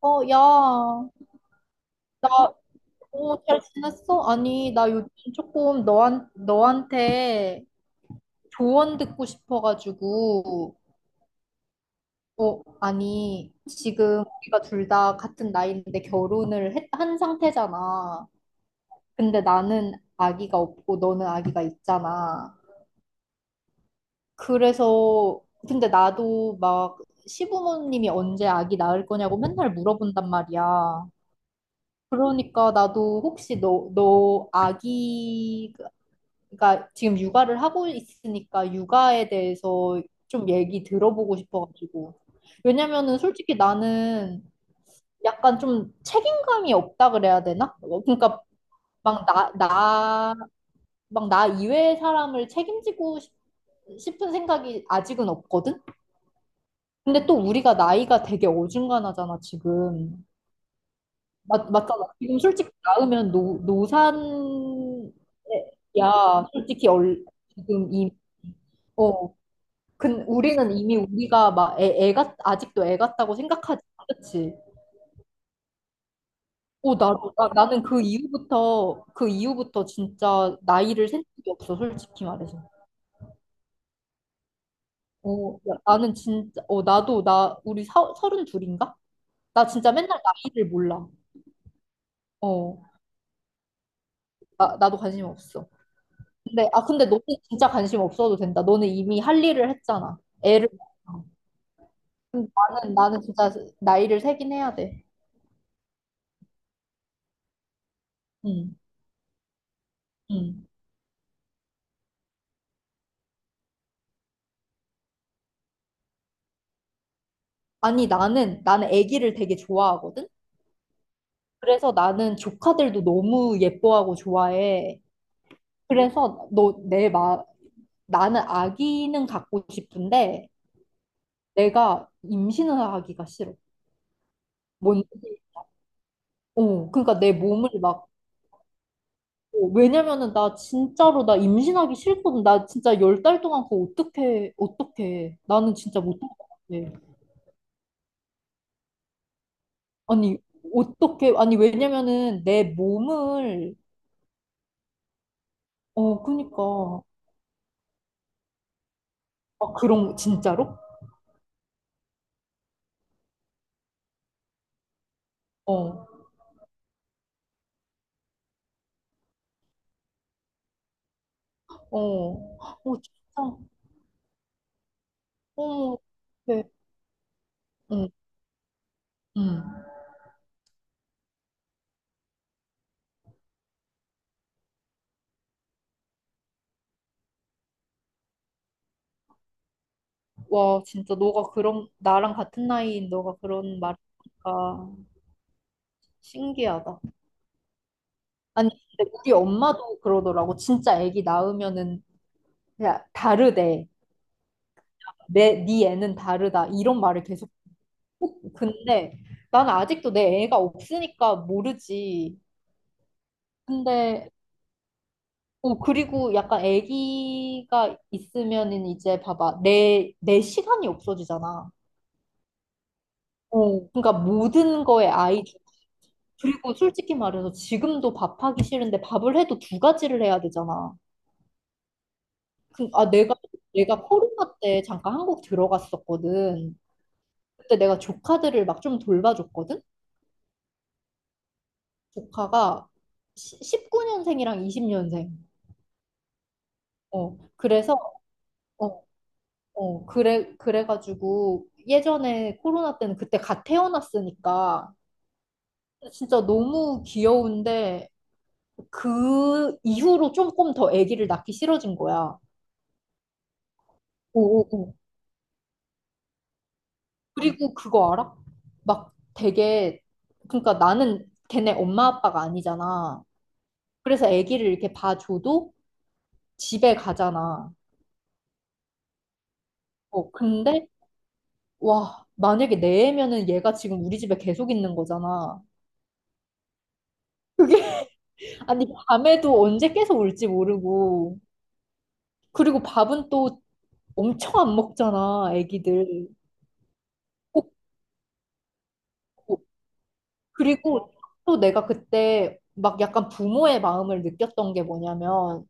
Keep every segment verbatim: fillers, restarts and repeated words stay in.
어, 야, 나, 응? 어, 잘 지냈어? 아니, 나 요즘 조금 너한, 너한테 조언 듣고 싶어가지고, 어, 아니, 지금 우리가 둘 다 같은 나이인데 결혼을 했, 한 상태잖아. 근데 나는 아기가 없고 너는 아기가 있잖아. 그래서, 근데 나도 막 시부모님이 언제 아기 낳을 거냐고 맨날 물어본단 말이야. 그러니까 나도 혹시 너, 너 아기 그러니까 지금 육아를 하고 있으니까 육아에 대해서 좀 얘기 들어보고 싶어가지고. 왜냐면은 솔직히 나는 약간 좀 책임감이 없다 그래야 되나? 어, 그러니까 막 나, 나, 막 나 이외의 사람을 책임지고 싶, 싶은 생각이 아직은 없거든? 근데 또 우리가 나이가 되게 어중간하잖아, 지금. 맞, 맞잖아. 지금 솔직히 낳으면 노, 노산이야. 솔직히 얼, 지금 이, 어. 근 우리는 이미 우리가 막 애, 애 같, 아직도 애 같다고 생각하지, 그렇지? 오, 나도, 나, 나는 그 이후부터, 그 이후부터 진짜 나이를 센 적이 없어, 솔직히 말해서. 어, 야, 나는 진짜, 어, 나도, 나, 우리 서, 서른 둘인가? 나 진짜 맨날 나이를 몰라. 어, 나, 나도 관심 없어. 근데, 아, 근데 너는 진짜 관심 없어도 된다. 너는 이미 할 일을 했잖아. 애를. 낳았잖아. 근데 나는, 나는 진짜 나이를 세긴 해야 돼. 응, 응. 아니, 나는, 나는 아기를 되게 좋아하거든? 그래서 나는 조카들도 너무 예뻐하고 좋아해. 그래서 너, 내 마, 나는 아기는 갖고 싶은데, 내가 임신을 하기가 싫어. 뭔지, 어, 그러니까 내 몸을 막, 어, 왜냐면은 나 진짜로 나 임신하기 싫거든. 나 진짜 열 달 동안 그거 어떻게, 어떻게. 나는 진짜 못할 것 같아. 아니, 어떻게, 아니, 왜냐면은 내 몸을, 어, 그니까. 아, 그런, 진짜로? 어, 어, 어, 진짜, 어 네, 응, 응. 와, 진짜 너가 그런, 나랑 같은 나이인 너가 그런 말을 하니까 신기하다. 아니, 근데 우리 엄마도 그러더라고. 진짜 아기 낳으면은 그냥 다르대. 내, 네 애는 다르다. 이런 말을 계속 꼭, 근데 나는 아직도 내 애가 없으니까 모르지. 근데 어, 그리고 약간 아기가 있으면은 이제 봐봐. 내, 내 시간이 없어지잖아. 어, 그러니까 모든 거에 아이디 그리고 솔직히 말해서 지금도 밥하기 싫은데 밥을 해도 두 가지를 해야 되잖아. 그, 아, 내가, 내가 코로나 때 잠깐 한국 들어갔었거든. 그때 내가 조카들을 막 좀 돌봐줬거든? 조카가 십구 년생이랑 이십 년생. 어, 그래서, 어, 어, 그래, 그래가지고 예전에 코로나 때는 그때 갓 태어났으니까 진짜 너무 귀여운데 그 이후로 조금 더 아기를 낳기 싫어진 거야. 오오오. 그리고 그거 알아? 막 되게 그러니까 나는 걔네 엄마 아빠가 아니잖아. 그래서 아기를 이렇게 봐줘도 집에 가잖아. 어 근데 와 만약에 내 애면은 얘가 지금 우리 집에 계속 있는 거잖아. 그게 아니 밤에도 언제 깨서 울지 모르고 그리고 밥은 또 엄청 안 먹잖아 애기들. 꼭- 꼭. 그리고 또 내가 그때 막 약간 부모의 마음을 느꼈던 게 뭐냐면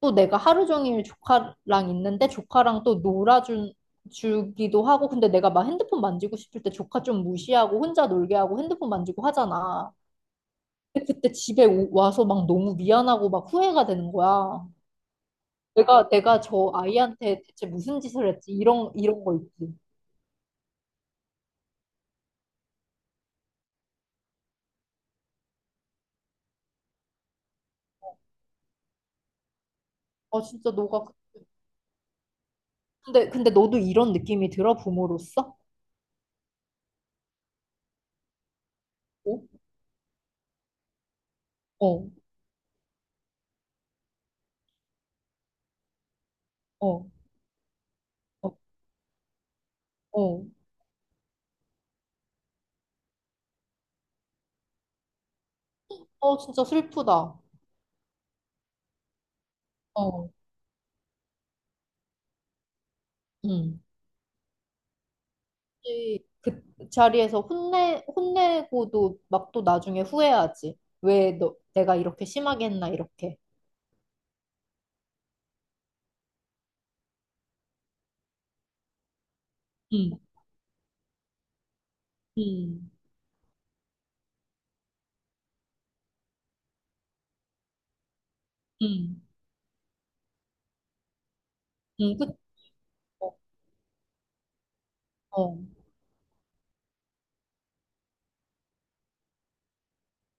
또 내가 하루 종일 조카랑 있는데 조카랑 또 놀아준 주기도 하고 근데 내가 막 핸드폰 만지고 싶을 때 조카 좀 무시하고 혼자 놀게 하고 핸드폰 만지고 하잖아. 근데 그때 집에 오- 와서 막 너무 미안하고 막 후회가 되는 거야. 내가 내가 저 아이한테 대체 무슨 짓을 했지? 이런 이런 거 있지. 아 진짜 너가 그- 근데 근데 너도 이런 느낌이 들어 부모로서? 어? 어. 어. 어. 어. 어, 진짜 슬프다. 어. 응. 혹시 그 자리에서 혼내, 혼내고도 막 또 나중에 후회하지. 왜 너, 내가 이렇게 심하게 했나, 이렇게. 응, 응, 응, 응, 그쵸. 어.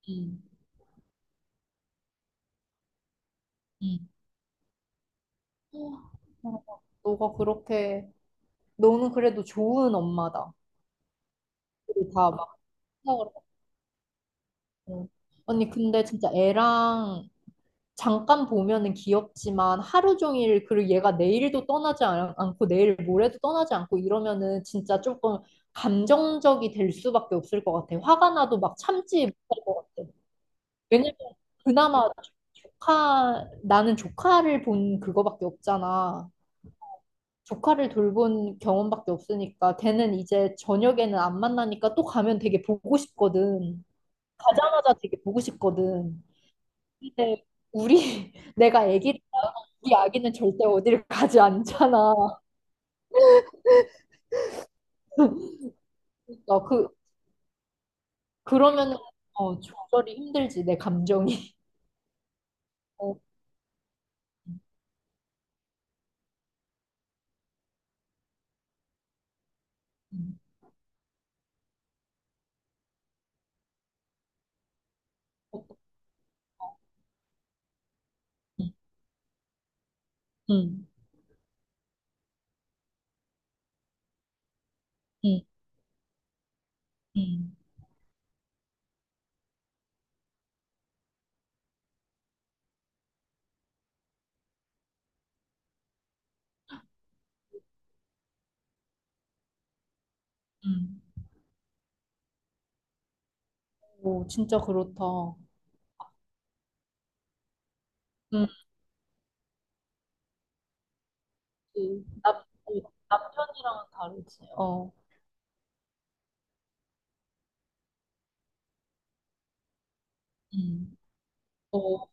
응, 응. 어, 너가 그렇게, 너는 그래도 좋은 엄마다. 다 막 생각을 하고. 언니, 근데 진짜 애랑 잠깐 보면은 귀엽지만 하루 종일 그리고 얘가 내일도 떠나지 않- 않고 내일 모레도 떠나지 않고 이러면은 진짜 조금 감정적이 될 수밖에 없을 것 같아. 화가 나도 막 참지 못할 것 같아. 왜냐면 그나마 조카 나는 조카를 본 그거밖에 없잖아. 조카를 돌본 경험밖에 없으니까 걔는 이제 저녁에는 안 만나니까 또 가면 되게 보고 싶거든. 가자마자 되게 보고 싶거든. 근데 우리 내가 아기 우리 아기는 절대 어디를 가지 않잖아. 그러니까 그 그러면은 어 조절이 힘들지 내 감정이. 어, 음, 어, 음, 음, 음, 음. 음. 오, 진짜 그렇다. 음, 그 남, 어, 남편이랑은 다르지. 어, 음, 어.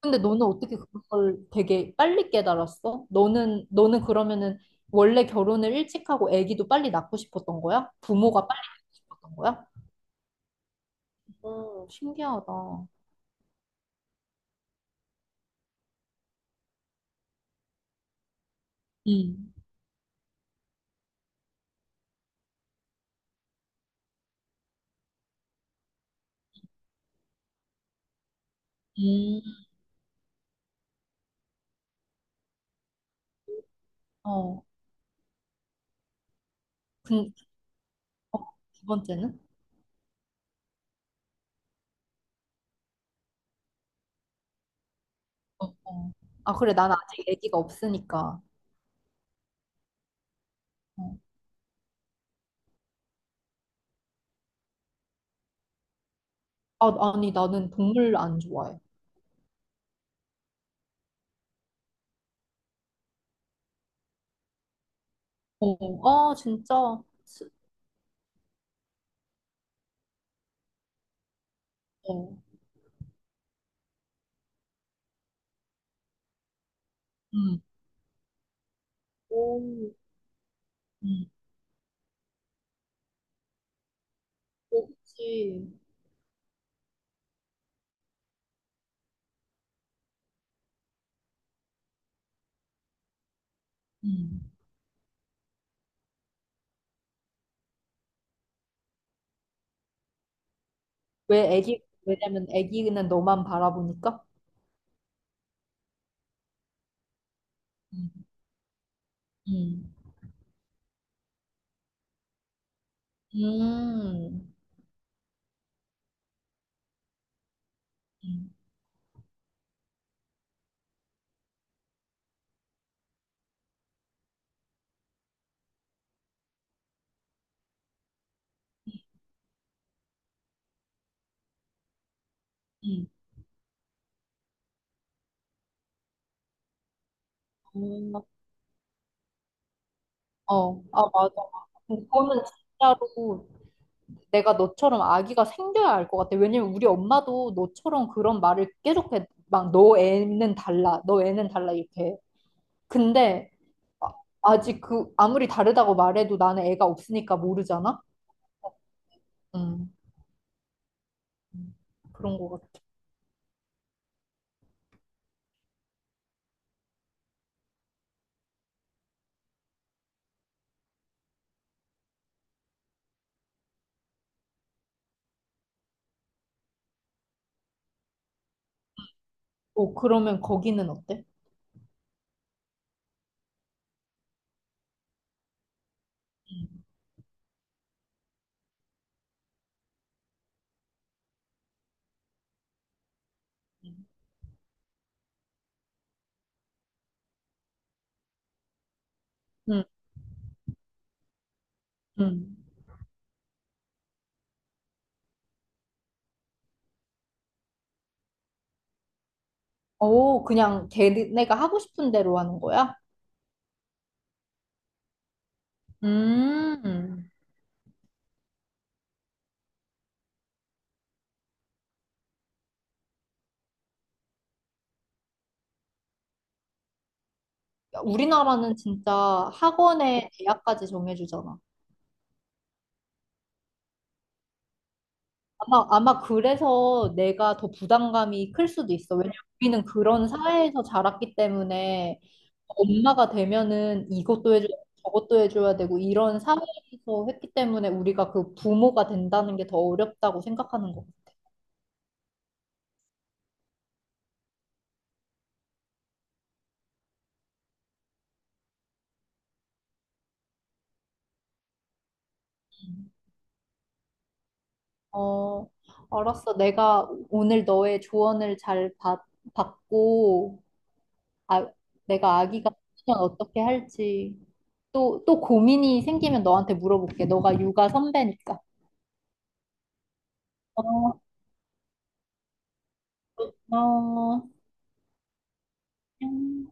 근데 너는 어떻게 그걸 되게 빨리 깨달았어? 너는 너는 그러면은 원래 결혼을 일찍 하고 아기도 빨리 낳고 싶었던 거야? 부모가 빨리 낳고 싶었던 거야? 오, 신기하다. 음, 음, 어, 그, 어, 두 번째는? 어. 아, 그래, 난 아직 아기가 없으니까. 어. 아, 아니, 나는 동물 안 좋아해. 어, 아, 진짜. 스- 어, 음. 오, 음. 그렇지. 음. 왜 애기, 왜냐면 애기는 너만 바라보니까? 음, 음, 음, 음, 음. 어, 어. 아, 맞아. 그거는 진짜로 내가 너처럼 아기가 생겨야 알 것 같아. 왜냐면 우리 엄마도 너처럼 그런 말을 계속 해. 막, 너 애는 달라. 너 애는 달라. 이렇게. 근데 아- 아직 그, 아무리 다르다고 말해도 나는 애가 없으니까 모르잖아? 음, 음. 그런 것 같아. 어, 그러면 거기는 어때? 음, 음, 음. 오, 그냥 걔네가 하고 싶은 대로 하는 거야? 음, 우리나라는 진짜 학원에 대학까지 정해주잖아. 아마, 아마 그래서 내가 더 부담감이 클 수도 있어. 왜냐면 우리는 그런 사회에서 자랐기 때문에 엄마가 되면은 이것도 해줘야 되고 저것도 해줘야 되고 이런 사회에서 했기 때문에 우리가 그 부모가 된다는 게 더 어렵다고 생각하는 것 같아. 어, 알았어. 내가 오늘 너의 조언을 잘 받, 받고 아, 내가 아기가 커지면 어떻게 할지 또, 또 고민이 생기면 너한테 물어볼게. 너가 육아 선배니까. 어, 어, 안녕.